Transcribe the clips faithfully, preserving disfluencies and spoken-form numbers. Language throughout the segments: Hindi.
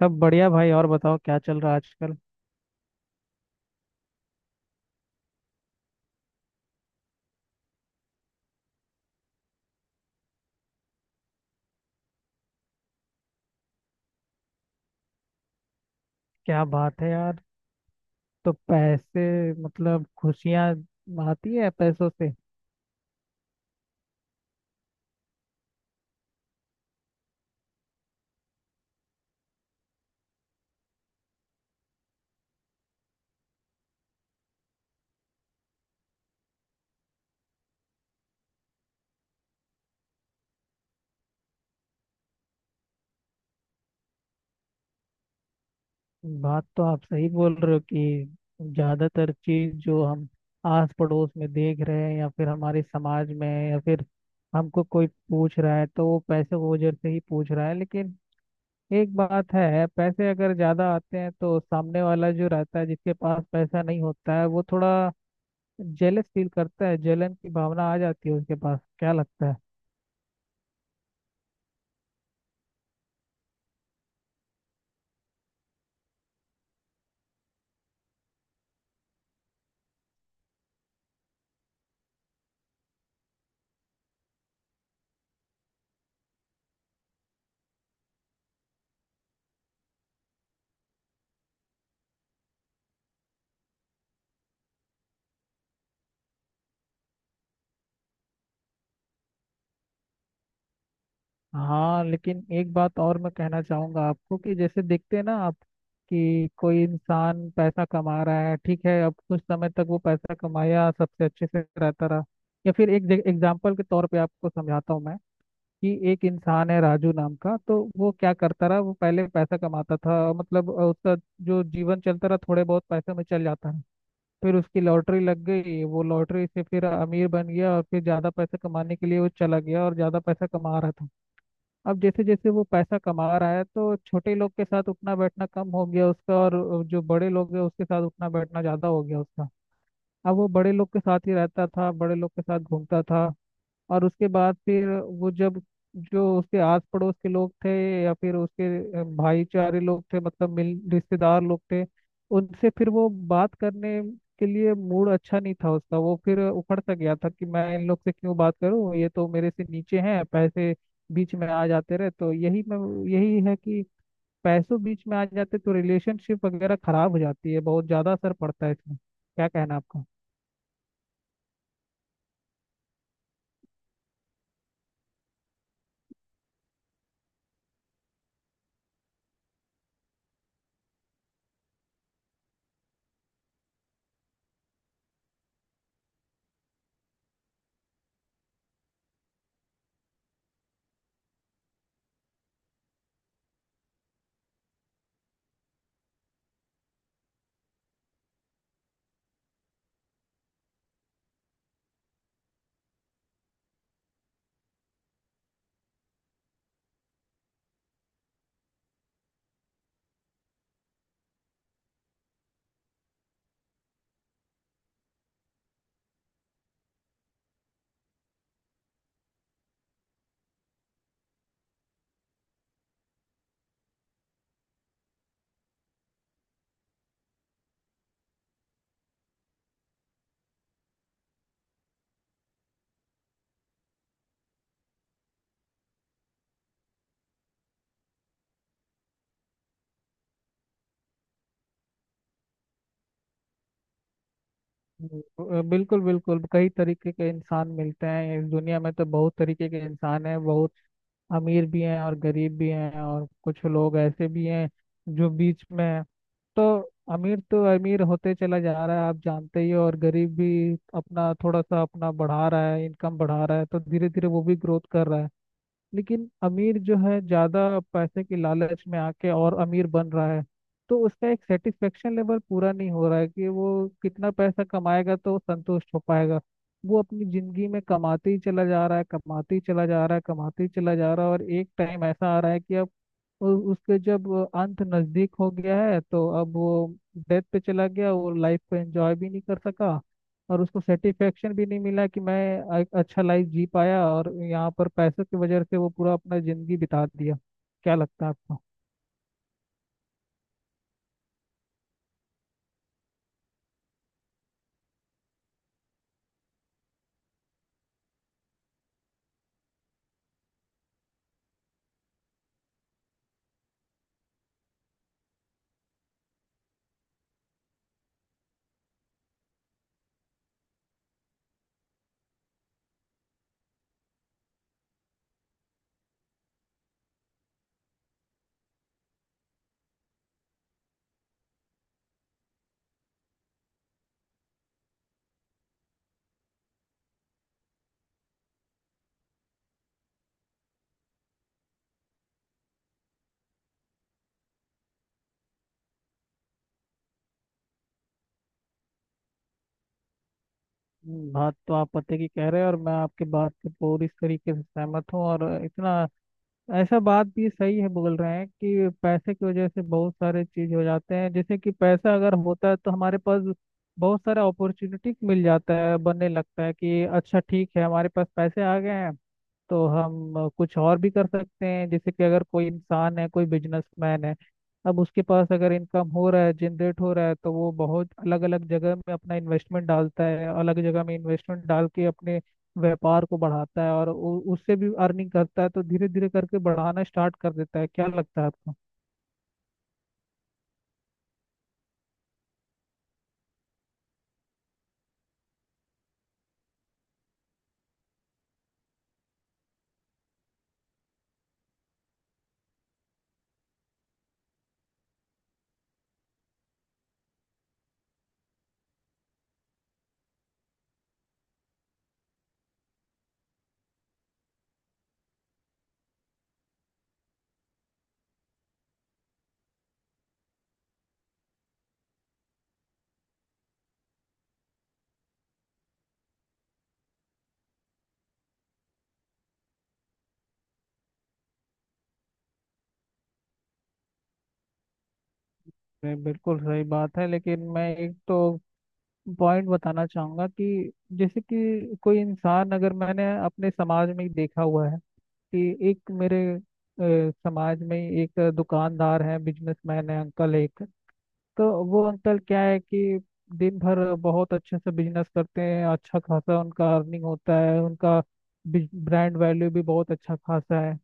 सब बढ़िया भाई। और बताओ क्या चल रहा है आजकल। क्या बात है यार, तो पैसे मतलब खुशियां आती है पैसों से। बात तो आप सही बोल रहे हो कि ज्यादातर चीज जो हम आस पड़ोस में देख रहे हैं या फिर हमारे समाज में, या फिर हमको कोई पूछ रहा है तो वो पैसे की वजह से ही पूछ रहा है। लेकिन एक बात है, पैसे अगर ज्यादा आते हैं तो सामने वाला जो रहता है जिसके पास पैसा नहीं होता है वो थोड़ा जेलस फील करता है, जलन की भावना आ जाती है उसके पास, क्या लगता है? हाँ, लेकिन एक बात और मैं कहना चाहूंगा आपको कि जैसे देखते हैं ना आप कि कोई इंसान पैसा कमा रहा है, ठीक है, अब कुछ समय तक वो पैसा कमाया सबसे अच्छे से रहता रहा। या फिर एक एग्जाम्पल के तौर पे आपको समझाता हूँ मैं कि एक इंसान है राजू नाम का, तो वो क्या करता रहा, वो पहले पैसा कमाता था, मतलब अ, उसका जो जीवन चलता रहा थोड़े बहुत पैसे में चल जाता रहा। फिर उसकी लॉटरी लग गई, वो लॉटरी से फिर अमीर बन गया, और फिर ज़्यादा पैसा कमाने के लिए वो चला गया और ज़्यादा पैसा कमा रहा था। अब जैसे जैसे वो पैसा कमा रहा है तो छोटे लोग के साथ उठना बैठना कम हो गया उसका, और जो बड़े लोग हैं उसके साथ उठना बैठना ज़्यादा हो गया उसका। अब वो बड़े लोग के साथ ही रहता था, बड़े लोग के साथ घूमता था। और उसके बाद फिर वो जब, जो उसके आस पड़ोस के लोग थे या फिर उसके अ, भाईचारे लोग थे, मतलब मिल रिश्तेदार लोग थे, उनसे फिर वो बात करने के लिए मूड अच्छा नहीं था उसका, वो फिर उखड़ सा गया था कि मैं इन लोग से क्यों बात करूं, ये तो मेरे से नीचे हैं। पैसे बीच में आ जाते रहे तो यही मैं, यही है कि पैसों बीच में आ जाते तो रिलेशनशिप वगैरह खराब हो जाती है, बहुत ज्यादा असर पड़ता है इसमें। क्या कहना आपका? अ, बिल्कुल बिल्कुल, कई तरीके के इंसान मिलते हैं इस दुनिया में, तो बहुत तरीके के इंसान हैं, बहुत अमीर भी हैं और गरीब भी हैं, और कुछ लोग ऐसे भी हैं जो बीच में हैं। तो अमीर तो अमीर होते चला जा रहा है आप जानते ही हो, और गरीब भी अपना थोड़ा सा अपना बढ़ा रहा है, इनकम बढ़ा रहा है, तो धीरे धीरे वो भी ग्रोथ कर रहा है। लेकिन अमीर जो है ज्यादा पैसे के लालच में आके और अमीर बन रहा है, तो उसका एक सेटिस्फेक्शन लेवल पूरा नहीं हो रहा है कि वो कितना पैसा कमाएगा तो संतुष्ट हो पाएगा। वो अपनी जिंदगी में कमाते ही चला जा रहा है, कमाते ही चला जा रहा है, कमाते ही चला जा रहा है, और एक टाइम ऐसा आ रहा है कि अब उ- उसके जब अंत नजदीक हो गया है तो अब वो डेथ पे चला गया, वो लाइफ को एंजॉय भी नहीं कर सका और उसको सेटिस्फेक्शन भी नहीं मिला कि मैं एक अच्छा लाइफ जी पाया, और यहाँ पर पैसों की वजह से वो पूरा अपना जिंदगी बिता दिया। क्या लगता है आपको? हम्म, बात तो आप पते की कह रहे हैं, और मैं आपके बात से पूरी तरीके से सहमत हूँ। और इतना ऐसा बात भी सही है बोल रहे हैं कि पैसे की वजह से बहुत सारे चीज हो जाते हैं, जैसे कि पैसा अगर होता है तो हमारे पास बहुत सारा अपॉर्चुनिटी मिल जाता है, बनने लगता है कि अच्छा ठीक है हमारे पास पैसे आ गए हैं तो हम कुछ और भी कर सकते हैं। जैसे कि अगर कोई इंसान है, कोई बिजनेसमैन है, अब उसके पास अगर इनकम हो रहा है, जनरेट हो रहा है, तो वो बहुत अलग अलग जगह में अपना इन्वेस्टमेंट डालता है, अलग जगह में इन्वेस्टमेंट डाल के अपने व्यापार को बढ़ाता है और उ- उससे भी अर्निंग करता है, तो धीरे धीरे करके बढ़ाना स्टार्ट कर देता है। क्या लगता है आपको? ये बिल्कुल सही बात है, लेकिन मैं एक तो पॉइंट बताना चाहूंगा कि जैसे कि कोई इंसान, अगर मैंने अपने समाज में ही देखा हुआ है कि एक मेरे अ, समाज में ही एक दुकानदार है, बिजनेसमैन है, अंकल एक, तो वो अंकल क्या है कि दिन भर बहुत अच्छे से बिजनेस करते हैं, अच्छा खासा उनका अर्निंग होता है, उनका ब्रांड वैल्यू भी बहुत अच्छा खासा है।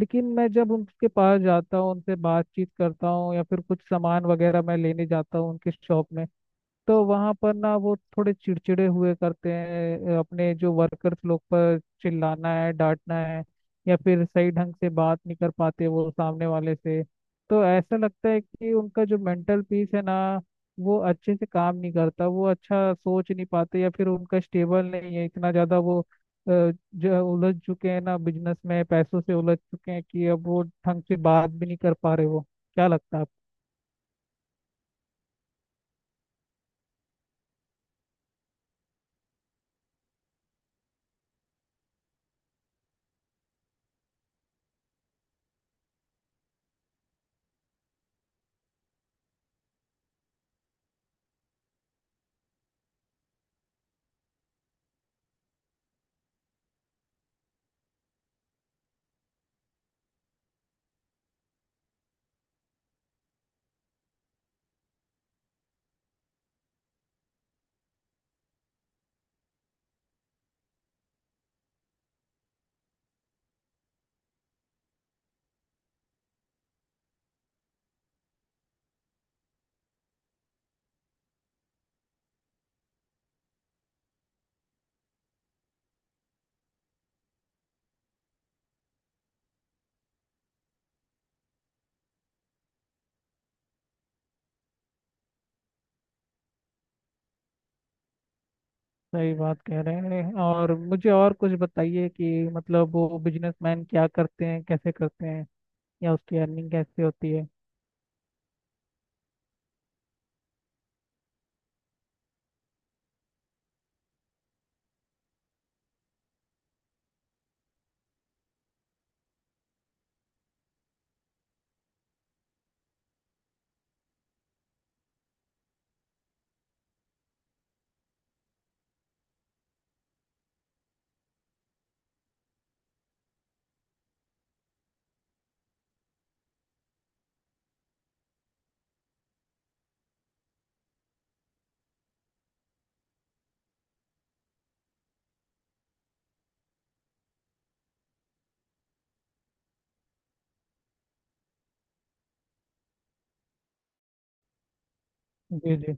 लेकिन मैं जब उनके पास जाता हूँ, उनसे बातचीत करता हूँ या फिर कुछ सामान वगैरह मैं लेने जाता हूँ उनके शॉप में, तो वहां पर ना वो थोड़े चिड़चिड़े हुए करते हैं, अपने जो वर्कर्स लोग पर चिल्लाना है, डांटना है, या फिर सही ढंग से बात नहीं कर पाते वो सामने वाले से। तो ऐसा लगता है कि उनका जो मेंटल पीस है ना वो अच्छे से काम नहीं करता, वो अच्छा सोच नहीं पाते, या फिर उनका स्टेबल नहीं है इतना ज्यादा, वो अ, जो उलझ चुके हैं ना, बिजनेस में पैसों से उलझ चुके हैं कि अब वो ढंग से बात भी नहीं कर पा रहे वो। क्या लगता है? सही बात कह रहे हैं। और मुझे और कुछ बताइए कि मतलब वो बिजनेसमैन क्या करते हैं, कैसे करते हैं, या उसकी अर्निंग कैसे होती है? जी जी।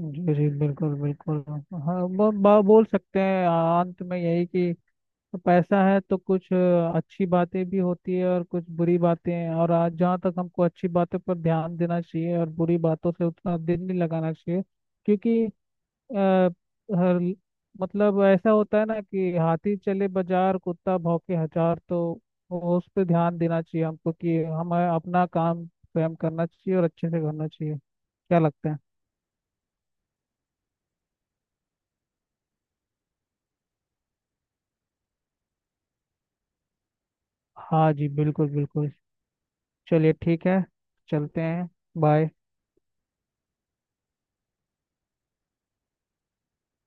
जी जी, बिल्कुल बिल्कुल। हाँ, ब, ब, बोल सकते हैं आ, अंत में यही कि पैसा है तो कुछ अ, अच्छी बातें भी होती है और कुछ बुरी बातें हैं, और आज जहाँ तक हमको अच्छी बातें पर ध्यान देना चाहिए और बुरी बातों से उतना दिल नहीं लगाना चाहिए। क्योंकि अ, हर, मतलब ऐसा होता है ना कि हाथी चले बाजार कुत्ता भौंके हजार, तो वो उस पे ध्यान देना चाहिए हमको कि हमें अपना काम स्वयं करना चाहिए और अच्छे से करना चाहिए। क्या लगता है? हाँ जी, बिल्कुल बिल्कुल। चलिए ठीक है, चलते हैं। बाय।